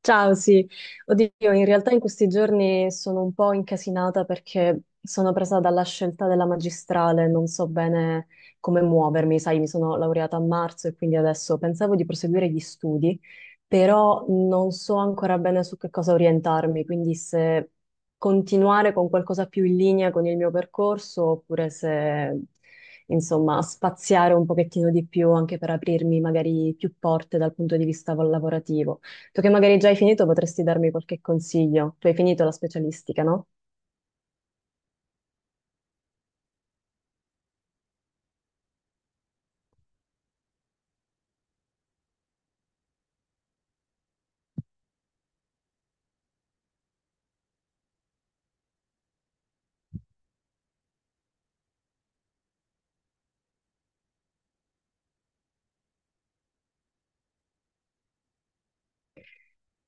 Ciao, sì. Oddio, in realtà in questi giorni sono un po' incasinata perché sono presa dalla scelta della magistrale, non so bene come muovermi, sai, mi sono laureata a marzo e quindi adesso pensavo di proseguire gli studi, però non so ancora bene su che cosa orientarmi, quindi se continuare con qualcosa più in linea con il mio percorso oppure se, insomma, spaziare un pochettino di più anche per aprirmi magari più porte dal punto di vista lavorativo. Tu che magari già hai finito, potresti darmi qualche consiglio. Tu hai finito la specialistica, no?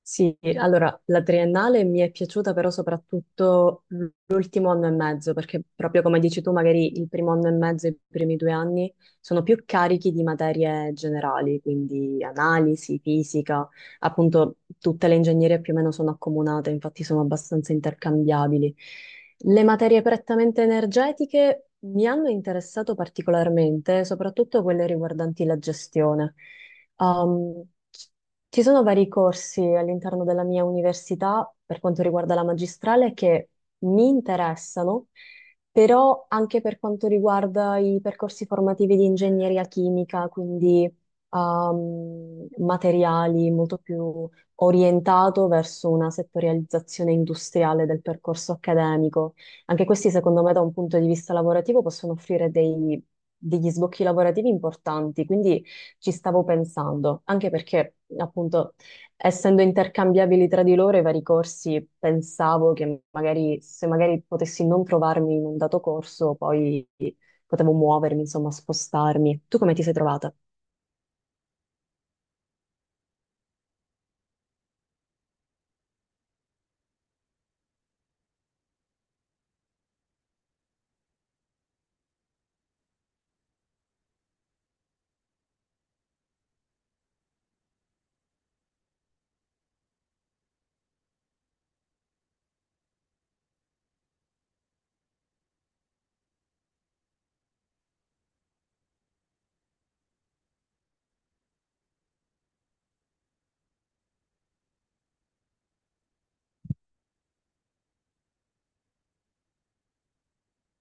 Sì, allora la triennale mi è piaciuta però soprattutto l'ultimo anno e mezzo, perché proprio come dici tu, magari il primo anno e mezzo e i primi due anni sono più carichi di materie generali, quindi analisi, fisica, appunto tutte le ingegnerie più o meno sono accomunate, infatti sono abbastanza intercambiabili. Le materie prettamente energetiche mi hanno interessato particolarmente, soprattutto quelle riguardanti la gestione. Um, Ci sono vari corsi all'interno della mia università per quanto riguarda la magistrale che mi interessano, però anche per quanto riguarda i percorsi formativi di ingegneria chimica, quindi materiali molto più orientato verso una settorializzazione industriale del percorso accademico. Anche questi, secondo me, da un punto di vista lavorativo possono offrire degli sbocchi lavorativi importanti, quindi ci stavo pensando, anche perché appunto essendo intercambiabili tra di loro i vari corsi, pensavo che magari se magari potessi non trovarmi in un dato corso, poi potevo muovermi, insomma, spostarmi. Tu come ti sei trovata?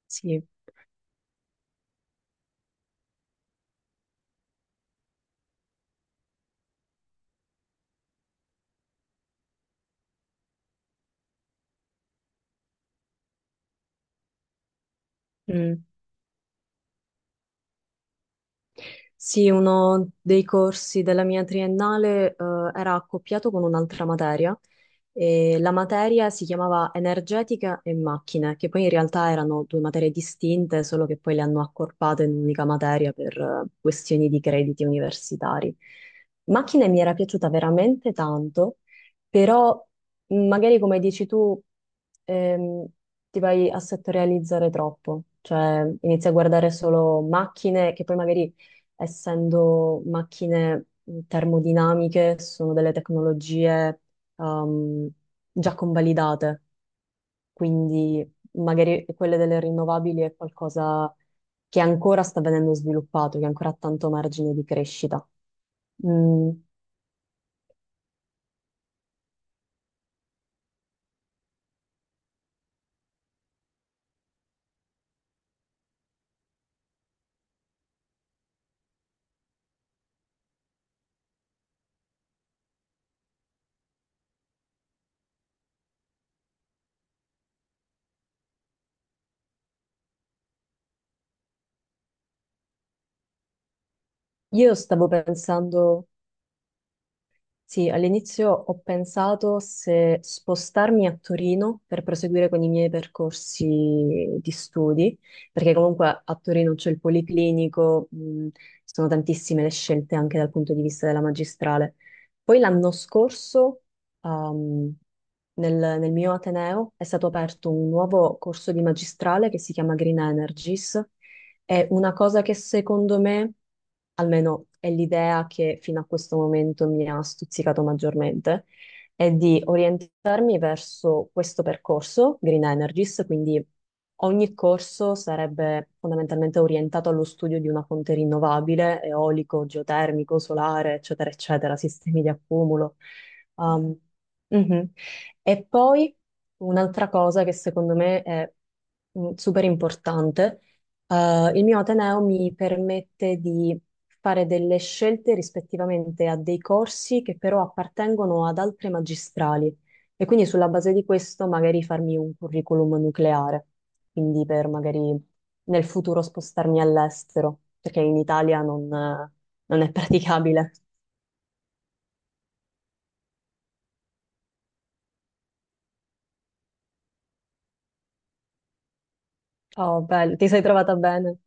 Sì, mm. Sì, uno dei corsi della mia triennale, era accoppiato con un'altra materia. E la materia si chiamava energetica e macchine, che poi in realtà erano due materie distinte, solo che poi le hanno accorpate in un'unica materia per questioni di crediti universitari. Macchine mi era piaciuta veramente tanto, però magari come dici tu, ehm, ti vai a settorializzare troppo, cioè inizi a guardare solo macchine che poi magari essendo macchine termodinamiche sono delle tecnologie ehm, già convalidate, quindi magari quelle delle rinnovabili è qualcosa che ancora sta venendo sviluppato, che ancora ha tanto margine di crescita. Mm, io stavo pensando. Sì, all'inizio ho pensato se spostarmi a Torino per proseguire con i miei percorsi di studi, perché comunque a Torino c'è il Policlinico, sono tantissime le scelte anche dal punto di vista della magistrale. Poi l'anno scorso, ehm, nel, nel mio Ateneo è stato aperto un nuovo corso di magistrale che si chiama Green Energies. È una cosa che secondo me, almeno è l'idea che fino a questo momento mi ha stuzzicato maggiormente, è di orientarmi verso questo percorso, Green Energies, quindi ogni corso sarebbe fondamentalmente orientato allo studio di una fonte rinnovabile, eolico, geotermico, solare, eccetera, eccetera, sistemi di accumulo. Um, mhm. E poi un'altra cosa che secondo me è super importante il mio Ateneo mi permette di fare delle scelte rispettivamente a dei corsi che però appartengono ad altre magistrali e quindi sulla base di questo magari farmi un curriculum nucleare, quindi per magari nel futuro spostarmi all'estero, perché in Italia non è praticabile. Oh, bello, ti sei trovata bene.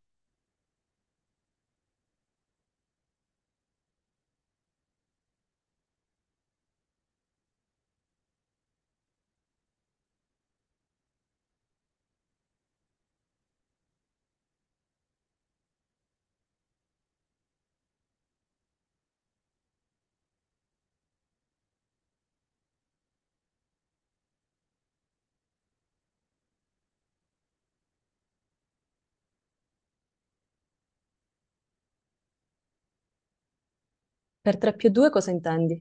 Per 3 più 2 cosa intendi?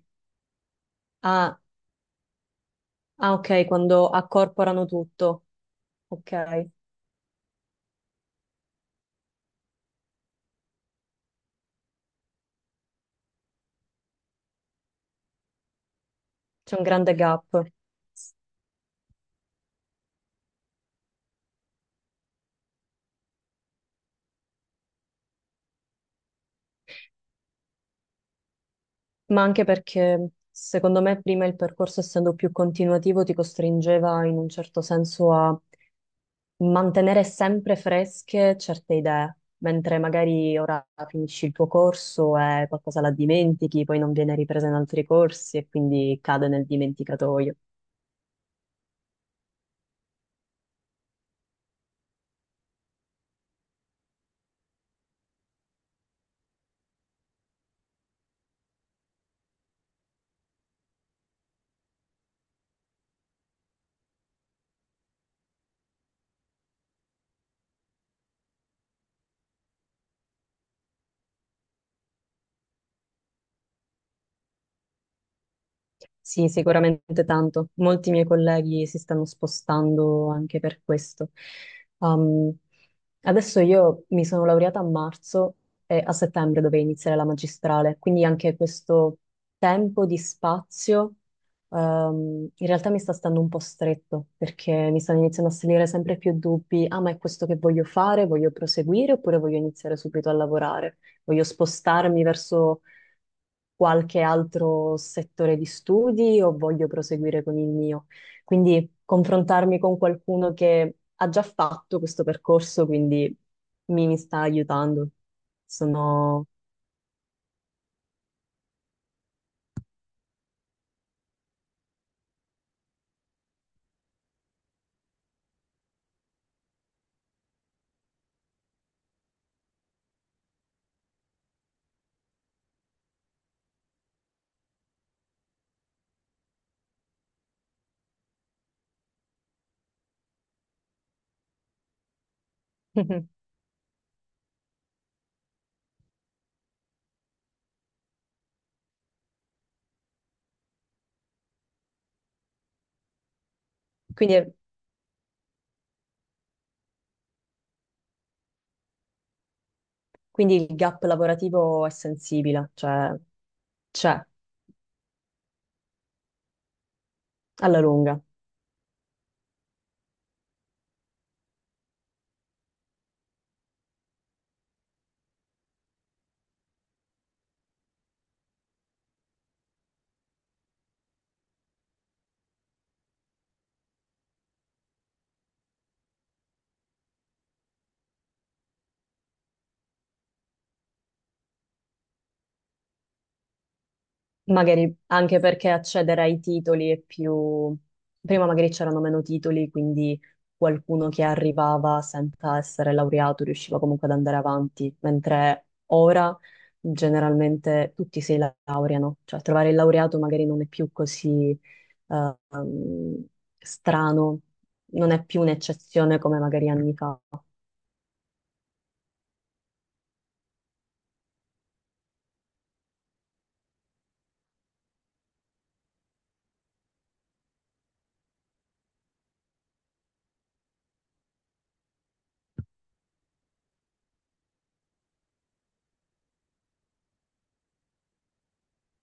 Ah, ah, ok, quando accorporano tutto. Ok, c'è un grande gap. Ma anche perché secondo me prima il percorso, essendo più continuativo, ti costringeva in un certo senso a mantenere sempre fresche certe idee, mentre magari ora finisci il tuo corso e qualcosa la dimentichi, poi non viene ripresa in altri corsi e quindi cade nel dimenticatoio. Sì, sicuramente tanto. Molti miei colleghi si stanno spostando anche per questo. Um, Adesso io mi sono laureata a marzo e a settembre dovevo iniziare la magistrale, quindi anche questo tempo di spazio, in realtà mi sta stando un po' stretto perché mi stanno iniziando a salire sempre più dubbi. Ah, ma è questo che voglio fare? Voglio proseguire oppure voglio iniziare subito a lavorare? Voglio spostarmi verso qualche altro settore di studi o voglio proseguire con il mio. Quindi confrontarmi con qualcuno che ha già fatto questo percorso, quindi mi sta aiutando. Sono. Quindi, quindi il gap lavorativo è sensibile, cioè c'è alla lunga. Magari anche perché accedere ai titoli è più. Prima magari c'erano meno titoli, quindi qualcuno che arrivava senza essere laureato riusciva comunque ad andare avanti, mentre ora generalmente tutti si laureano, cioè trovare il laureato magari non è più così eh, um, strano, non è più un'eccezione come magari anni fa.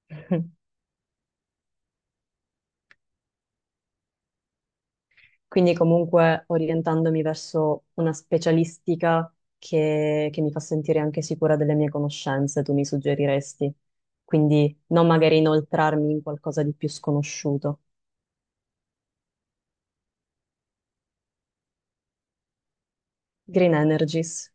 Quindi comunque orientandomi verso una specialistica che mi fa sentire anche sicura delle mie conoscenze, tu mi suggeriresti. Quindi non magari inoltrarmi in qualcosa di più sconosciuto. Green Energies.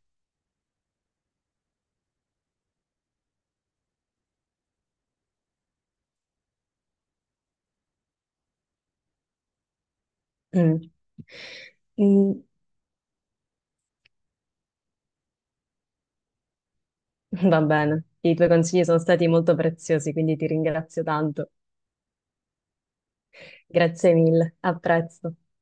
Mm. Mm, Va bene, i tuoi consigli sono stati molto preziosi, quindi ti ringrazio tanto. Grazie mille, a presto.